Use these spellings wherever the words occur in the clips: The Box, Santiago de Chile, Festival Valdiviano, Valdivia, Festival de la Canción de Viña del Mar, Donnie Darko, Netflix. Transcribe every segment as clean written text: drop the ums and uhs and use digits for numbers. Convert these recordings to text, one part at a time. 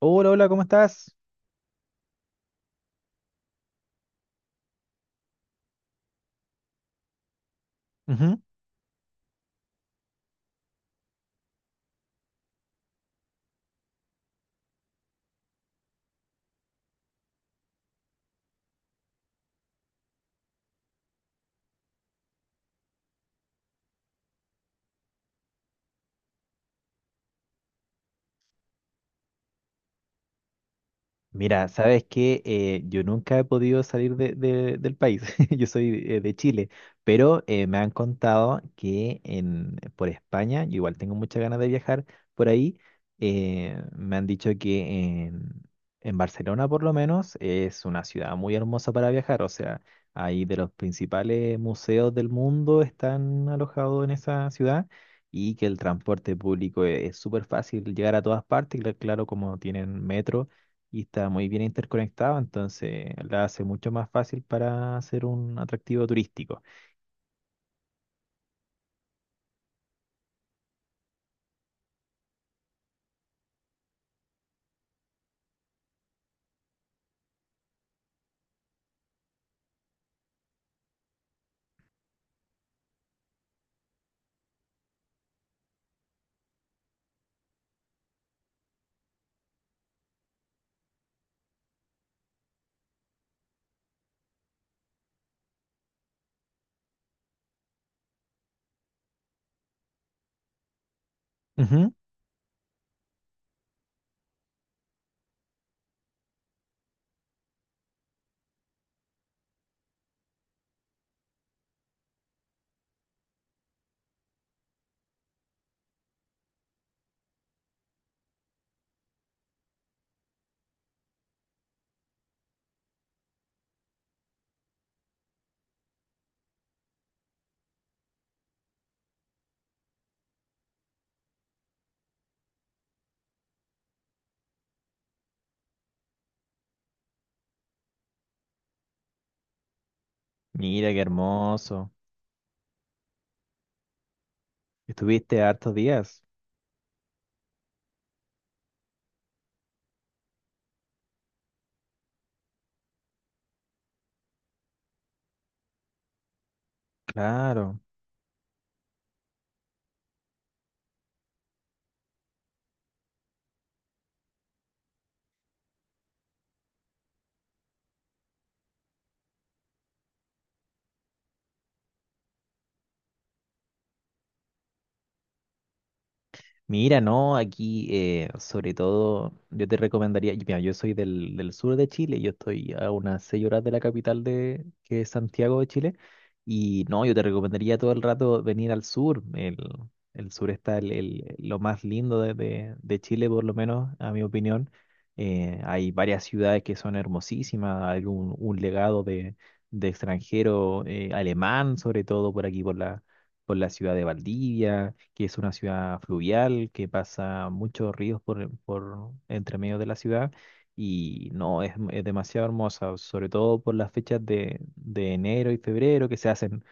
Hola, hola, ¿cómo estás? Ujú. Mira, sabes que yo nunca he podido salir del país, yo soy de Chile, pero me han contado que en, por España, yo igual tengo muchas ganas de viajar por ahí. Me han dicho que en Barcelona por lo menos es una ciudad muy hermosa para viajar, o sea, ahí de los principales museos del mundo están alojados en esa ciudad y que el transporte público es súper fácil llegar a todas partes, claro, como tienen metro y está muy bien interconectado, entonces la hace mucho más fácil para hacer un atractivo turístico. Ujú. Mira qué hermoso. Estuviste hartos días. Claro. Mira, no, aquí sobre todo yo te recomendaría, y mira, yo soy del sur de Chile, yo estoy a unas 6 horas de la capital de, que es Santiago de Chile, y no, yo te recomendaría todo el rato venir al sur. El sur está lo más lindo de, de Chile, por lo menos, a mi opinión. Hay varias ciudades que son hermosísimas, hay un legado de extranjero alemán, sobre todo por aquí, por la ciudad de Valdivia, que es una ciudad fluvial, que pasa muchos ríos por entre medio de la ciudad. Y no, es demasiado hermosa, sobre todo por las fechas de enero y febrero, que se hacen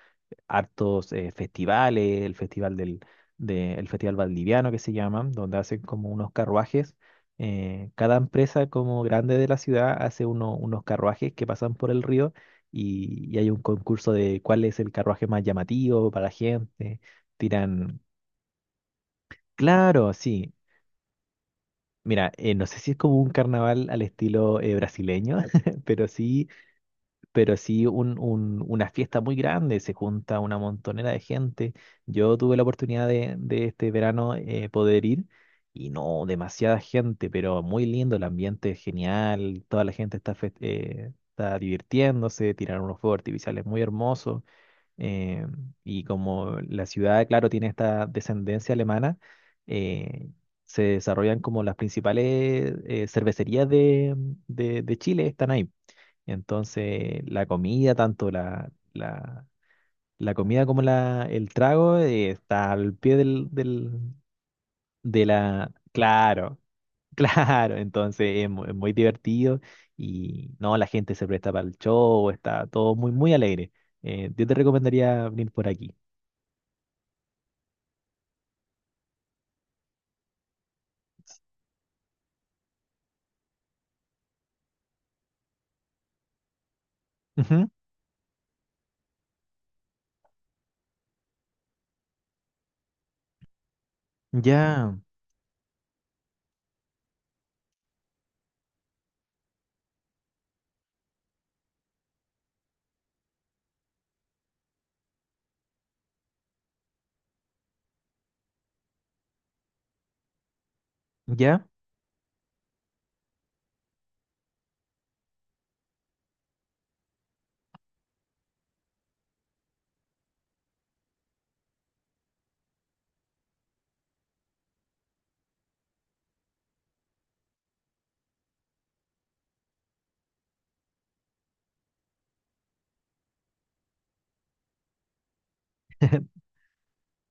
hartos festivales, el festival del el Festival Valdiviano que se llama, donde hacen como unos carruajes. Cada empresa como grande de la ciudad hace unos carruajes que pasan por el río y hay un concurso de cuál es el carruaje más llamativo para la gente. Tiran, claro, sí. Mira, no sé si es como un carnaval al estilo brasileño, pero sí, pero sí un, una fiesta muy grande, se junta una montonera de gente. Yo tuve la oportunidad de este verano poder ir y no, demasiada gente, pero muy lindo, el ambiente es genial, toda la gente está, está divirtiéndose, tiraron unos fuegos artificiales muy hermosos. eh, y como la ciudad, claro, tiene esta descendencia alemana, eh, se desarrollan como las principales cervecerías de, de Chile, están ahí. Entonces, la comida, tanto la, la comida como la, el trago, está al pie del, del, de la... Claro, claro. Entonces, es muy divertido y no, la gente se presta para el show, está todo muy, muy alegre. Yo te recomendaría venir por aquí. Ujú. Ya, ya.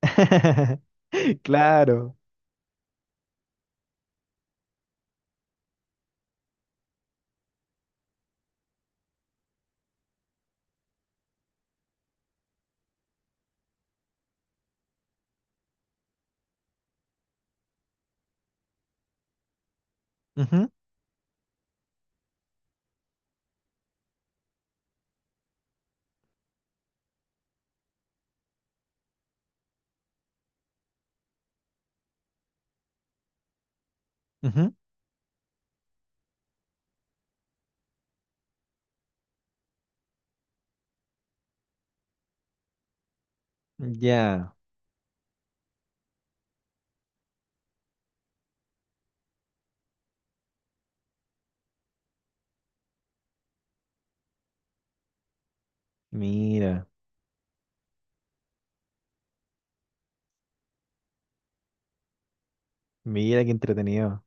Claro. Ujú, ujú. Ya, mira, mira qué entretenido.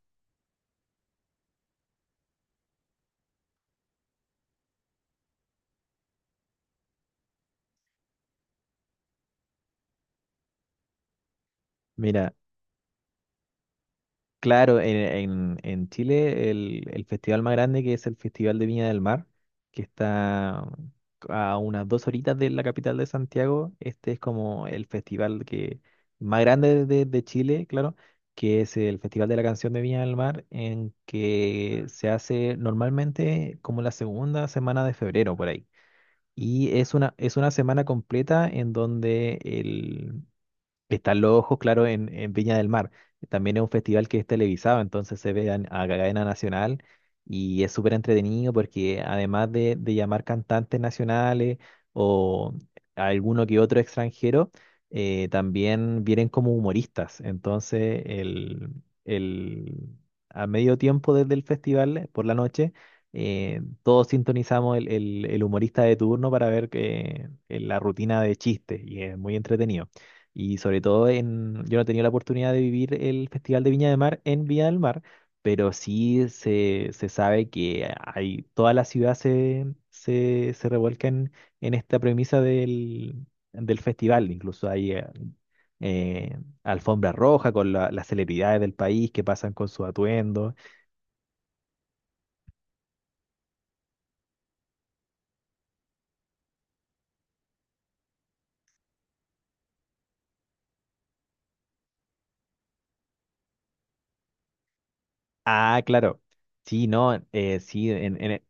Mira. Claro, en, en Chile el festival más grande que es el Festival de Viña del Mar, que está a unas 2 horitas de la capital de Santiago, este es como el festival que más grande de Chile, claro, que es el Festival de la Canción de Viña del Mar, en que se hace normalmente como la segunda semana de febrero por ahí. Y es una semana completa en donde están los ojos, claro, en Viña del Mar. También es un festival que es televisado, entonces se ve a cadena nacional y es súper entretenido porque además de llamar cantantes nacionales o alguno que otro extranjero, también vienen como humoristas. Entonces, el, a medio tiempo desde el festival, por la noche, todos sintonizamos el humorista de turno para ver que, la rutina de chistes y es muy entretenido. Y sobre todo en, yo no he tenido la oportunidad de vivir el Festival de Viña del Mar en Viña del Mar, pero sí se sabe que hay, toda la ciudad se revuelca en esta premisa del, del festival. Incluso hay alfombra roja con las celebridades del país que pasan con su atuendo. Ah, claro. Sí, no, sí, en...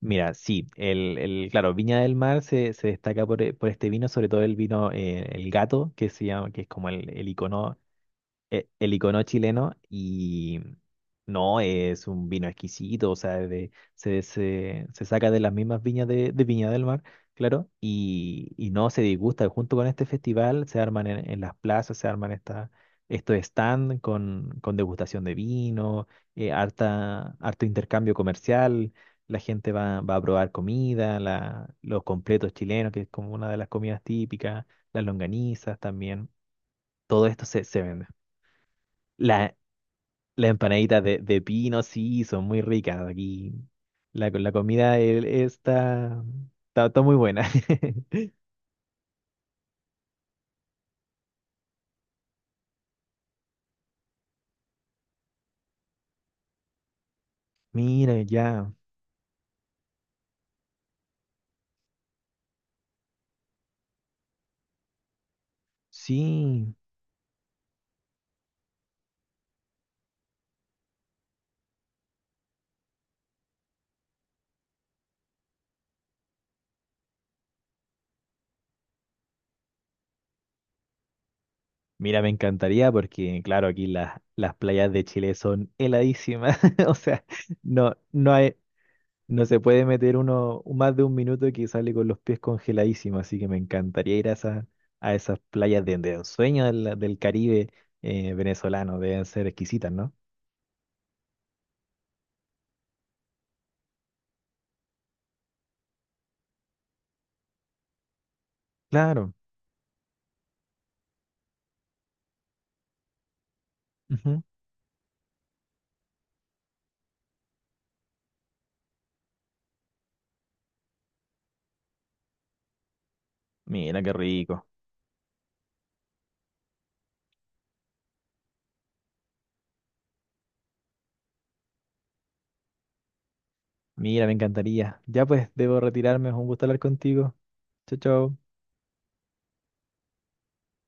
Mira, sí, claro, Viña del Mar se, se destaca por, por este vino, sobre todo el vino, el gato, que se llama, que es como el icono, el icono chileno. Y no, es un vino exquisito, o sea, de- se saca de las mismas viñas de Viña del Mar, claro, y no se disgusta. Junto con este festival se arman en las plazas, se arman estos stand con degustación de vino, harta, harto intercambio comercial. La gente va, va a probar comida, los completos chilenos, que es como una de las comidas típicas, las longanizas también. Todo esto se, se vende. La, las empanaditas de pino, sí, son muy ricas aquí. La comida está, está, está muy buena. Mira, ya, sí. Mira, me encantaría porque, claro, aquí las playas de Chile son heladísimas. O sea, no, no hay, no se puede meter uno más de un minuto que sale con los pies congeladísimos. Así que me encantaría ir a a esas playas de ensueño del, del Caribe venezolano. Deben ser exquisitas, ¿no? Claro. Mira, qué rico. Mira, me encantaría. Ya pues, debo retirarme. Es un gusto hablar contigo. Chao, chao.